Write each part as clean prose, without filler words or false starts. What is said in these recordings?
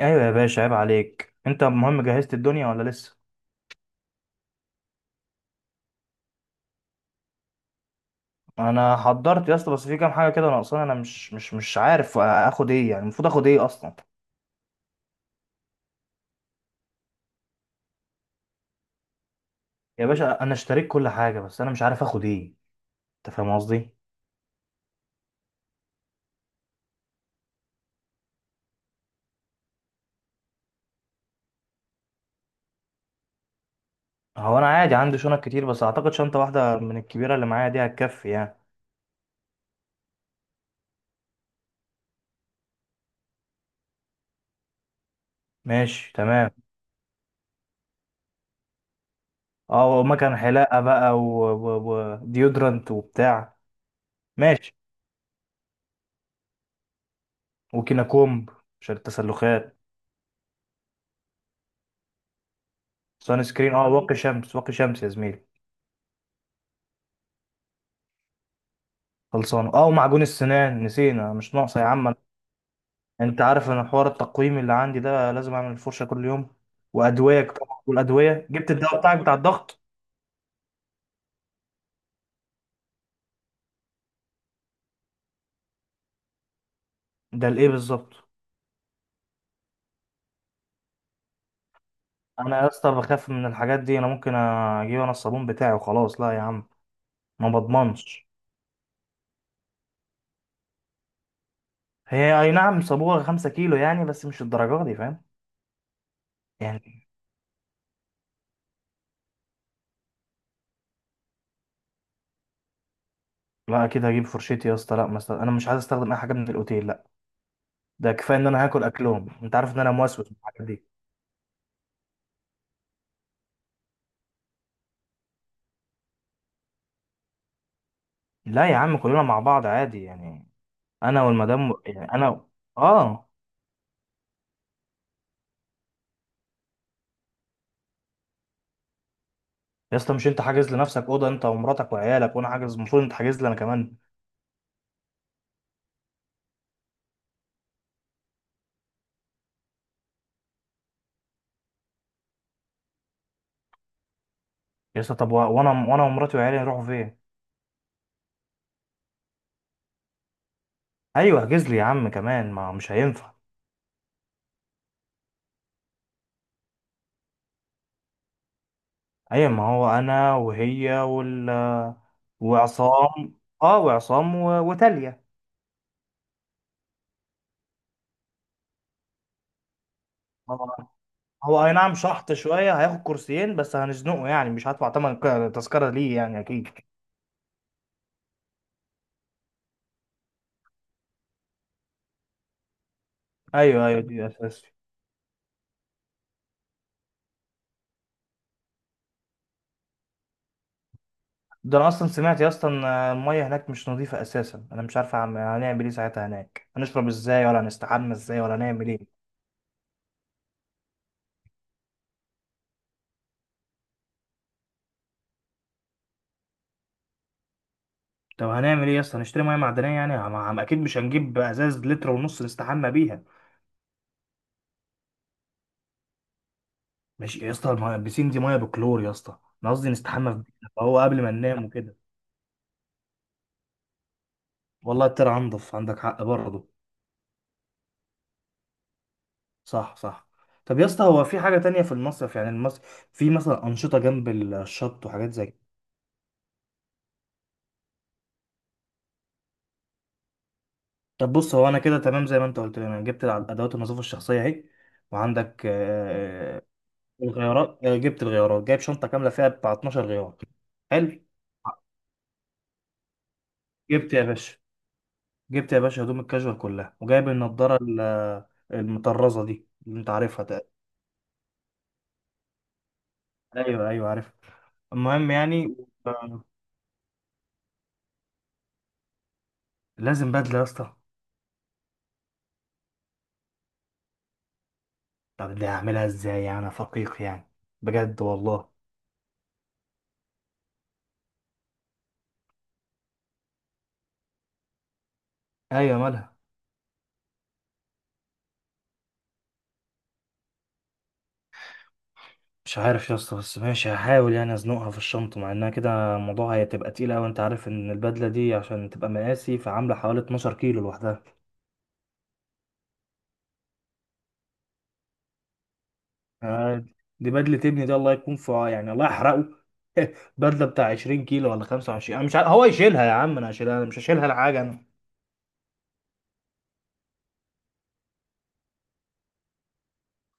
ايوه يا باشا، عيب عليك. انت المهم جهزت الدنيا ولا لسه؟ انا حضرت يا اسطى، بس في كام حاجه كده ناقصاني. انا مش عارف اخد ايه، يعني المفروض اخد ايه اصلا؟ يا باشا انا اشتريت كل حاجه، بس انا مش عارف اخد ايه. انت فاهم قصدي؟ هو انا عادي عندي شنط كتير، بس اعتقد شنطه واحده من الكبيره اللي معايا دي هتكفي يعني. ماشي تمام. اه، ومكان حلاقه بقى وديودرنت وبتاع. ماشي. وكينا كومب. عشان التسلخات. سان سكرين، واقي شمس، واقي شمس يا زميلي. خلصانه، اه، ومعجون السنان نسينا، مش ناقصه يا عم. انت عارف ان حوار التقويم اللي عندي ده لازم اعمل الفرشه كل يوم. وادويه طبعا، والادويه جبت الدواء بتاعك بتاع الضغط. ده لايه بالظبط؟ انا يا اسطى بخاف من الحاجات دي، انا ممكن اجيب انا الصابون بتاعي وخلاص. لا يا عم. ما بضمنش. هي اي نعم، صابوها 5 كيلو يعني، بس مش الدرجه دي، فاهم؟ يعني. لا، اكيد هجيب فرشتي يا اسطى. لا، مثلا انا مش عايز استخدم اي حاجه من الاوتيل، لا. ده كفايه ان انا هاكل اكلهم، انت عارف ان انا موسوس في الحاجات دي. لا يا عم، كلنا مع بعض عادي يعني. انا والمدام يعني، انا. اه. يا اسطى، مش انت حاجز لنفسك اوضه انت ومراتك وعيالك؟ وانا حاجز، المفروض انت حاجز لي انا كمان. يا اسطى طب وانا ومراتي وعيالي نروحوا فين؟ ايوه احجز لي يا عم كمان، ما مش هينفع. ايوه ما هو انا وهي وال. وعصام وتالية. هو. هو اي نعم، شحط شويه هياخد 2 كرسي بس هنزنقه يعني، مش هدفع تمن تذكره ليه يعني اكيد. ايوه ايوه دي اساس. ده انا اصلا سمعت يا اسطى ان الميه هناك مش نظيفه اساسا. انا مش عارف هنعمل ايه ساعتها هناك، هنشرب ازاي ولا هنستحمى ازاي ولا هنعمل ايه؟ طب هنعمل ايه يا اسطى؟ هنشتري ميه معدنيه يعني، عم اكيد مش هنجيب ازاز لتر ونص نستحمى بيها. ماشي يا اسطى، الميه البسين دي ميه بكلور يا اسطى، انا قصدي نستحمى في بيتنا، فهو قبل ما ننام وكده. والله طلع انضف، عندك حق برضه. صح صح. طب يا اسطى، هو في حاجه تانية في المصيف يعني؟ المصيف في مثلا انشطه جنب الشط وحاجات زي. طب بص، هو انا كده تمام زي ما انت قلت لي، انا جبت ادوات النظافه الشخصيه اهي. وعندك الغيارات، جبت الغيارات جايب شنطه كامله فيها بتاع 12 غيار. حلو. جبت يا باشا. جبت يا باشا هدوم الكاجوال كلها، وجايب النضاره المطرزه دي اللي انت عارفها تقريبا. ايوه ايوه عارف. المهم يعني. آه، لازم بدله يا اسطى. طب دي هعملها ازاي يعني، أنا فقيق يعني، بجد والله. ايوه مالها. مش عارف يا اسطى، بس ماشي هحاول يعني ازنقها في الشنطة، مع انها كده الموضوع هتبقى تقيلة، وانت عارف ان البدلة دي عشان تبقى مقاسي فعاملة حوالي 12 كيلو لوحدها. آه، دي بدلة ابني دي، الله يكون في يعني الله يحرقه. بدلة بتاع 20 كيلو ولا 25، انا مش عارف. هو يشيلها يا عم؟ انا هشيلها، انا مش هشيلها لحاجة انا.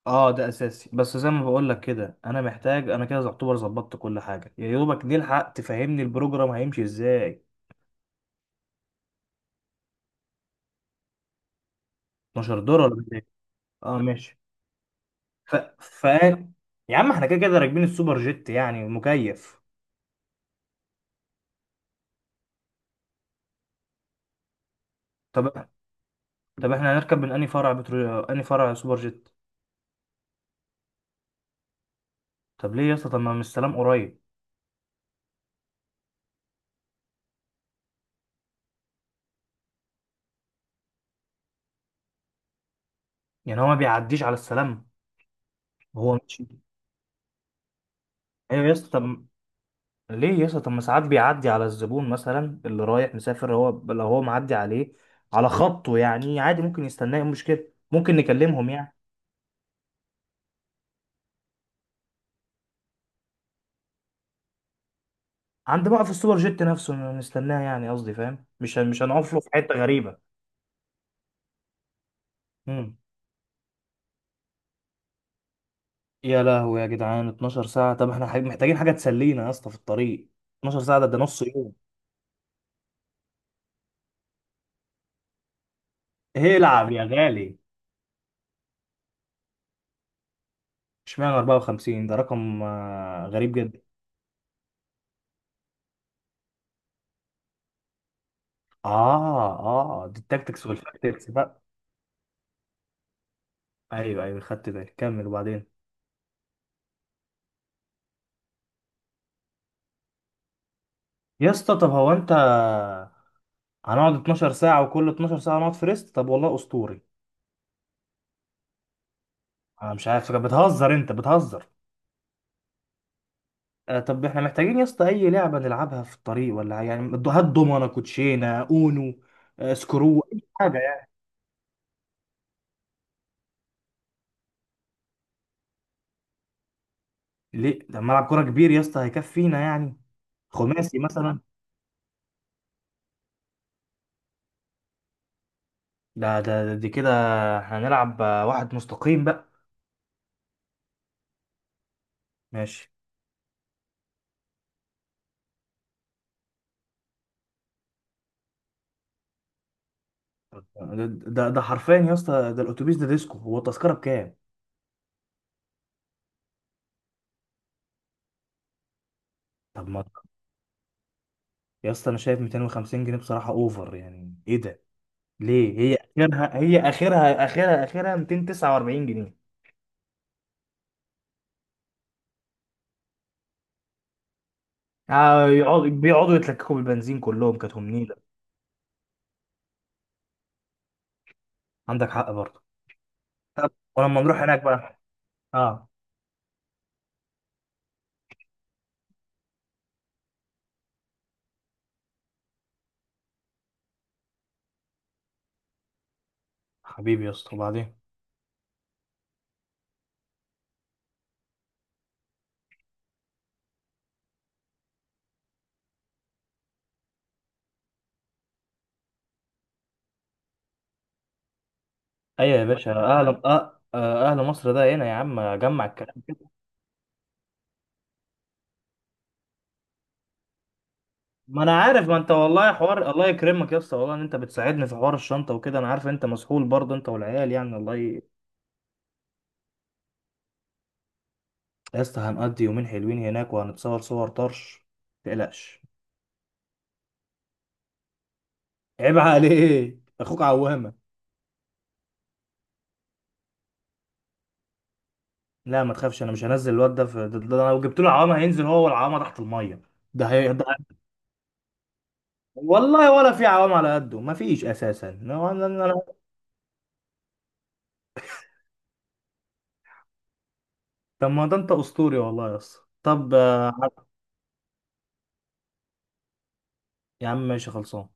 اه ده اساسي، بس زي ما بقول لك كده انا محتاج، انا كده يعتبر ظبطت كل حاجة، يا دوبك نلحق. تفهمني البروجرام هيمشي ازاي؟ 12 دولار ولا ايه؟ اه ماشي. ف... ف... يا عم احنا كده كده راكبين السوبر جيت يعني مكيف. طب. طب احنا هنركب من انهي فرع انهي فرع سوبر جيت؟ طب ليه يا اسطى؟ طب ما من السلام قريب. يعني هو ما بيعديش على السلام؟ هو ماشي. ايوه يا اسطى طب. ليه يا اسطى؟ طب ما ساعات بيعدي على الزبون مثلا اللي رايح مسافر، هو لو هو معدي عليه على خطه يعني عادي ممكن يستناه، إيه المشكله؟ ممكن نكلمهم يعني. عند موقف السوبر جيت نفسه نستناه يعني قصدي، فاهم؟ مش هنقف له في حته غريبه. مم. يا لهوي يا جدعان، 12 ساعة؟ طب احنا محتاجين حاجة تسلينا يا اسطى في الطريق، 12 ساعة، ده نص يوم. ايه، العب يا غالي. اشمعنى 54؟ ده رقم غريب جدا. اه اه، دي التاكتكس والفاكتكس بقى. ايوه ايوه خدت بالي، كمل وبعدين. يا اسطى طب هو انت. هنقعد 12 ساعة وكل 12 ساعة نقعد في ريست؟ طب والله اسطوري. انا مش عارف، بتهزر انت، بتهزر. آه، طب احنا محتاجين يا اسطى اي لعبة نلعبها في الطريق، ولا يعني هات دومنة كوتشينة اونو. سكرو اي حاجة. ليه؟ ده ملعب كوره كبير يا اسطى، هيكفينا يعني؟ خماسي مثلا. دي كده. احنا هنلعب واحد مستقيم بقى. ماشي. ده حرفيا يا اسطى، ده الاتوبيس ده ديسكو. هو التذكره بكام؟ طب ما. يا اسطى انا شايف 250 جنيه بصراحه اوفر، يعني ايه ده؟ ليه؟ هي اخرها 249 جنيه. بيقعدوا يتلككوا بالبنزين، كلهم كانت هم نيله. عندك حق برضه. طب. ولما نروح هناك بقى. اه. حبيبي يا اسطى، وبعدين. ايوه يا باشا، اهل أه... آه، اهل مصر ده هنا. يا عم اجمع الكلام كده. ما انا عارف، ما انت والله حوار الله يكرمك يا اسطى، والله ان انت بتساعدني في حوار الشنطه وكده. انا عارف انت مسحول برضه، انت والعيال يعني، والله يا اسطى هنقضي يومين حلوين هناك، وهنتصور صور طرش. ما تقلقش. عيب عليك، اخوك عوامه. لا ما تخافش، انا مش هنزل الواد ده في ده. أنا لو جبت له عوامه هينزل هو والعوامه تحت الميه. ده هي ده- والله ولا في عوام على قده، ما فيش اساسا. طب ما ده انت اسطوري والله يا اسطى. طب، يا عم ماشي خلصان.